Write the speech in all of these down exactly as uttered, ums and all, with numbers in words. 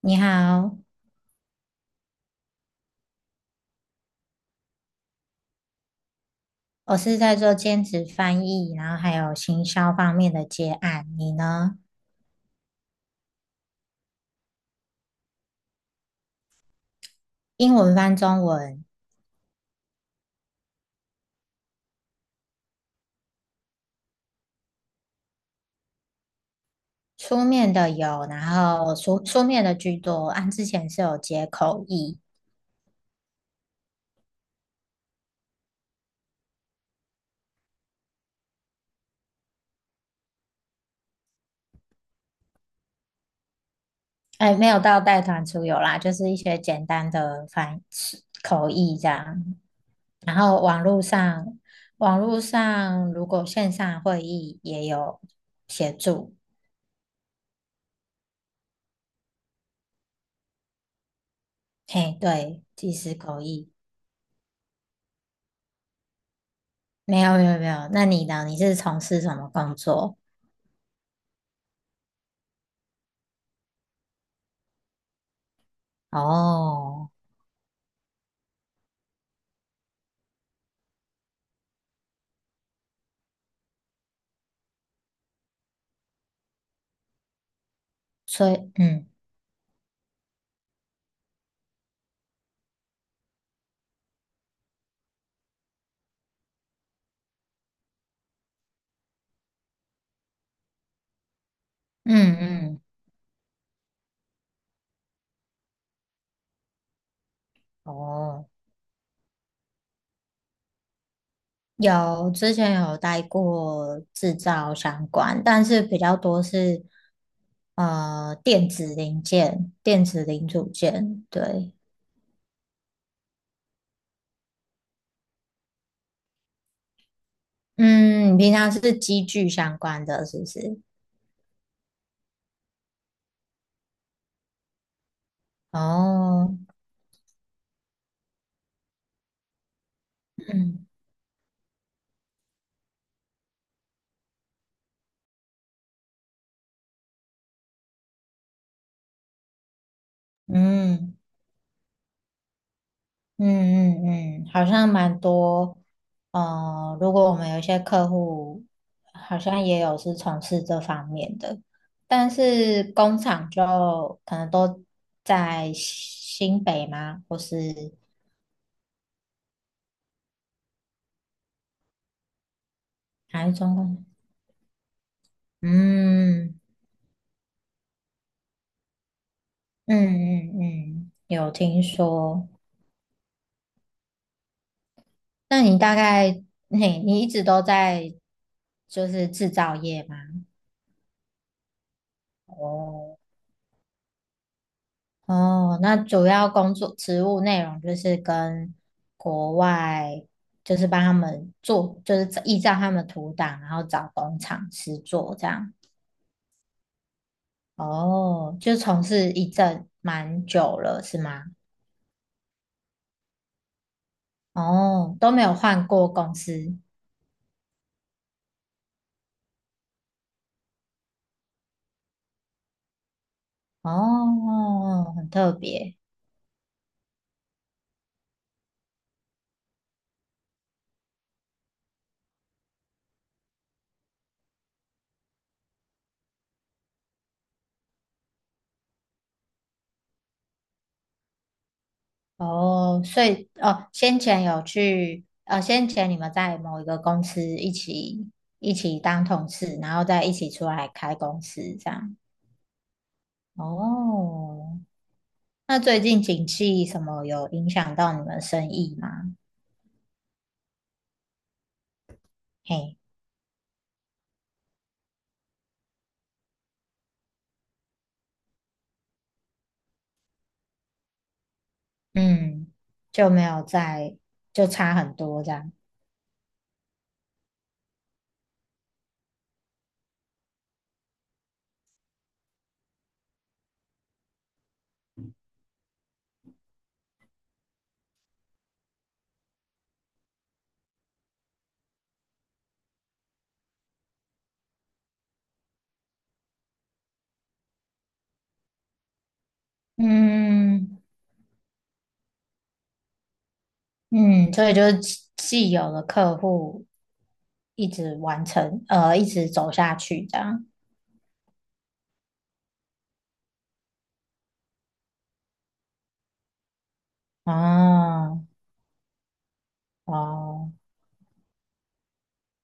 你好。我是在做兼职翻译，然后还有行销方面的接案。你呢？英文翻中文。书面的有，然后书书面的居多。按之前是有接口译。哎，没有到带团出游啦，就是一些简单的翻口译这样。然后网络上，网络上如果线上会议也有协助。嘿，对，即时口译。没有没有没有。那你呢？你是从事什么工作？哦，所以嗯嗯嗯，哦，有之前有待过制造相关，但是比较多是呃电子零件、电子零组件。对。嗯，你平常是机具相关的，是不是？哦，嗯嗯。嗯嗯嗯，好像蛮多。呃，如果我们有一些客户，好像也有是从事这方面的，但是工厂就可能都在新北吗？或是台中工？嗯嗯嗯嗯，有听说。那你大概你你一直都在就是制造业吗？哦。哦，那主要工作职务内容就是跟国外，就是帮他们做，就是依照他们图档，然后找工厂师做这样。哦，就从事一阵蛮久了，是吗？哦，都没有换过公司。哦，很特别。哦，所以哦，先前有去，呃，先前你们在某一个公司一起一起当同事，然后再一起出来开公司这样。哦，那最近景气什么有影响到你们生意吗？嘿。嗯，就没有在，就差很多这样。嗯嗯，所以就是既既有的客户一直完成，呃，一直走下去这样。哦哦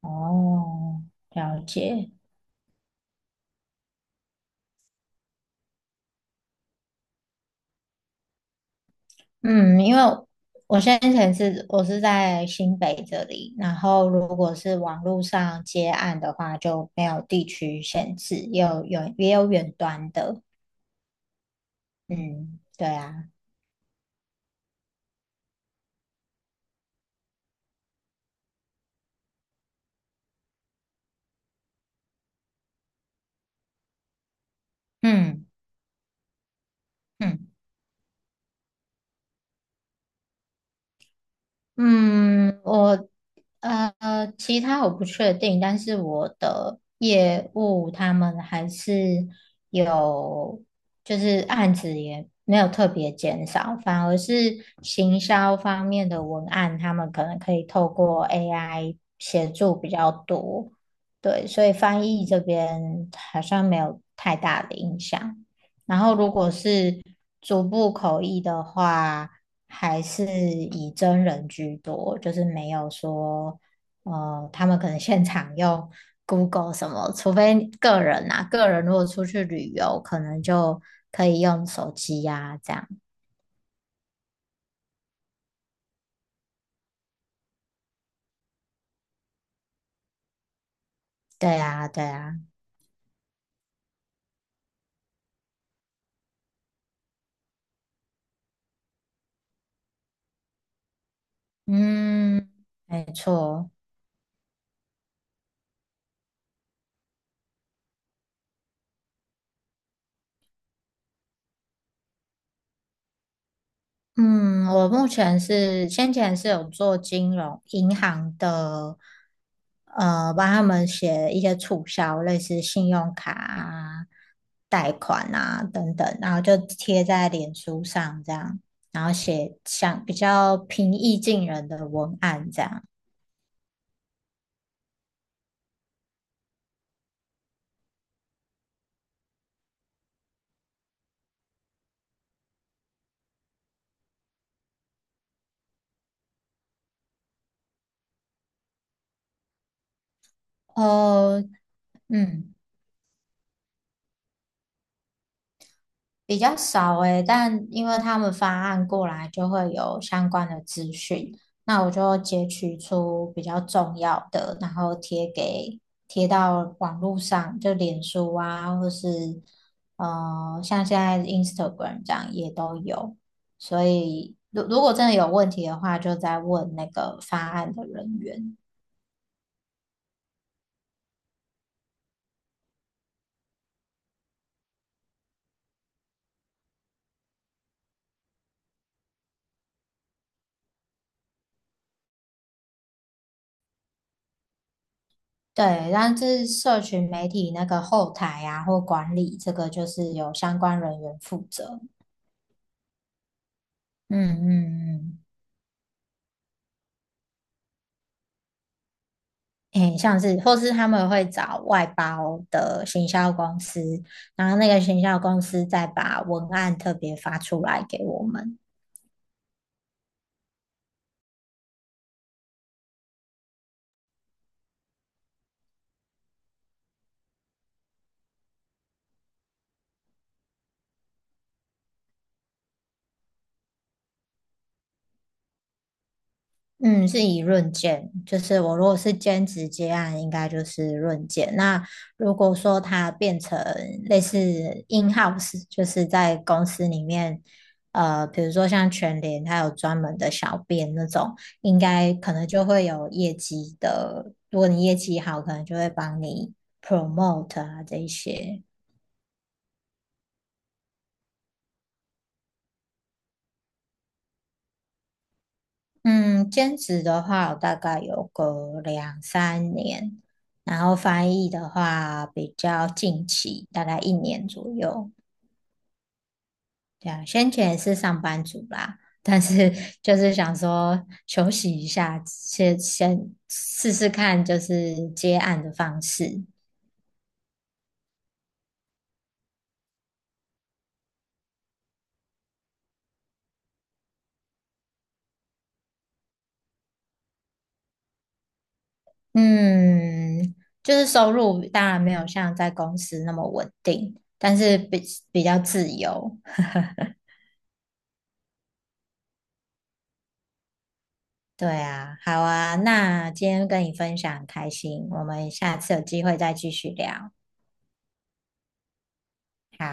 哦，了解。嗯，因为我先前是我是在新北这里，然后如果是网络上接案的话，就没有地区限制，也有远也有远端的。嗯，对啊。嗯嗯嗯，我呃，其他我不确定，但是我的业务他们还是有，就是案子也没有特别减少，反而是行销方面的文案，他们可能可以透过 A I 协助比较多，对，所以翻译这边好像没有太大的影响。然后如果是逐步口译的话，还是以真人居多，就是没有说，呃，他们可能现场用 Google 什么，除非个人啊，个人如果出去旅游，可能就可以用手机呀、这样。对啊，对啊，嗯，没错。嗯，我目前是先前是有做金融银行的呃，帮他们写一些促销，类似信用卡啊、贷款啊等等，然后就贴在脸书上这样，然后写像比较平易近人的文案这样。哦，嗯。比较少诶，但因为他们发案过来就会有相关的资讯，那我就截取出比较重要的，然后贴给贴到网络上，就脸书啊，或是呃，像现在 Instagram 这样也都有。所以，如如果真的有问题的话，就再问那个发案的人员。对，但是社群媒体那个后台啊或管理，这个就是由相关人员负责。嗯嗯嗯，诶，像是或是他们会找外包的行销公司，然后那个行销公司再把文案特别发出来给我们。嗯，是以论件，就是我如果是兼职接案，应该就是论件。那如果说它变成类似 in house，就是在公司里面，呃，比如说像全联，它有专门的小编那种，应该可能就会有业绩的。如果你业绩好，可能就会帮你 promote 啊这一些。嗯，兼职的话，我大概有个两三年，然后翻译的话比较近期，大概一年左右。对啊，先前也是上班族啦，但是就是想说休息一下，先先试试看，就是接案的方式。嗯，就是收入当然没有像在公司那么稳定，但是比比较自由。对啊，好啊，那今天跟你分享很开心，我们下次有机会再继续聊。好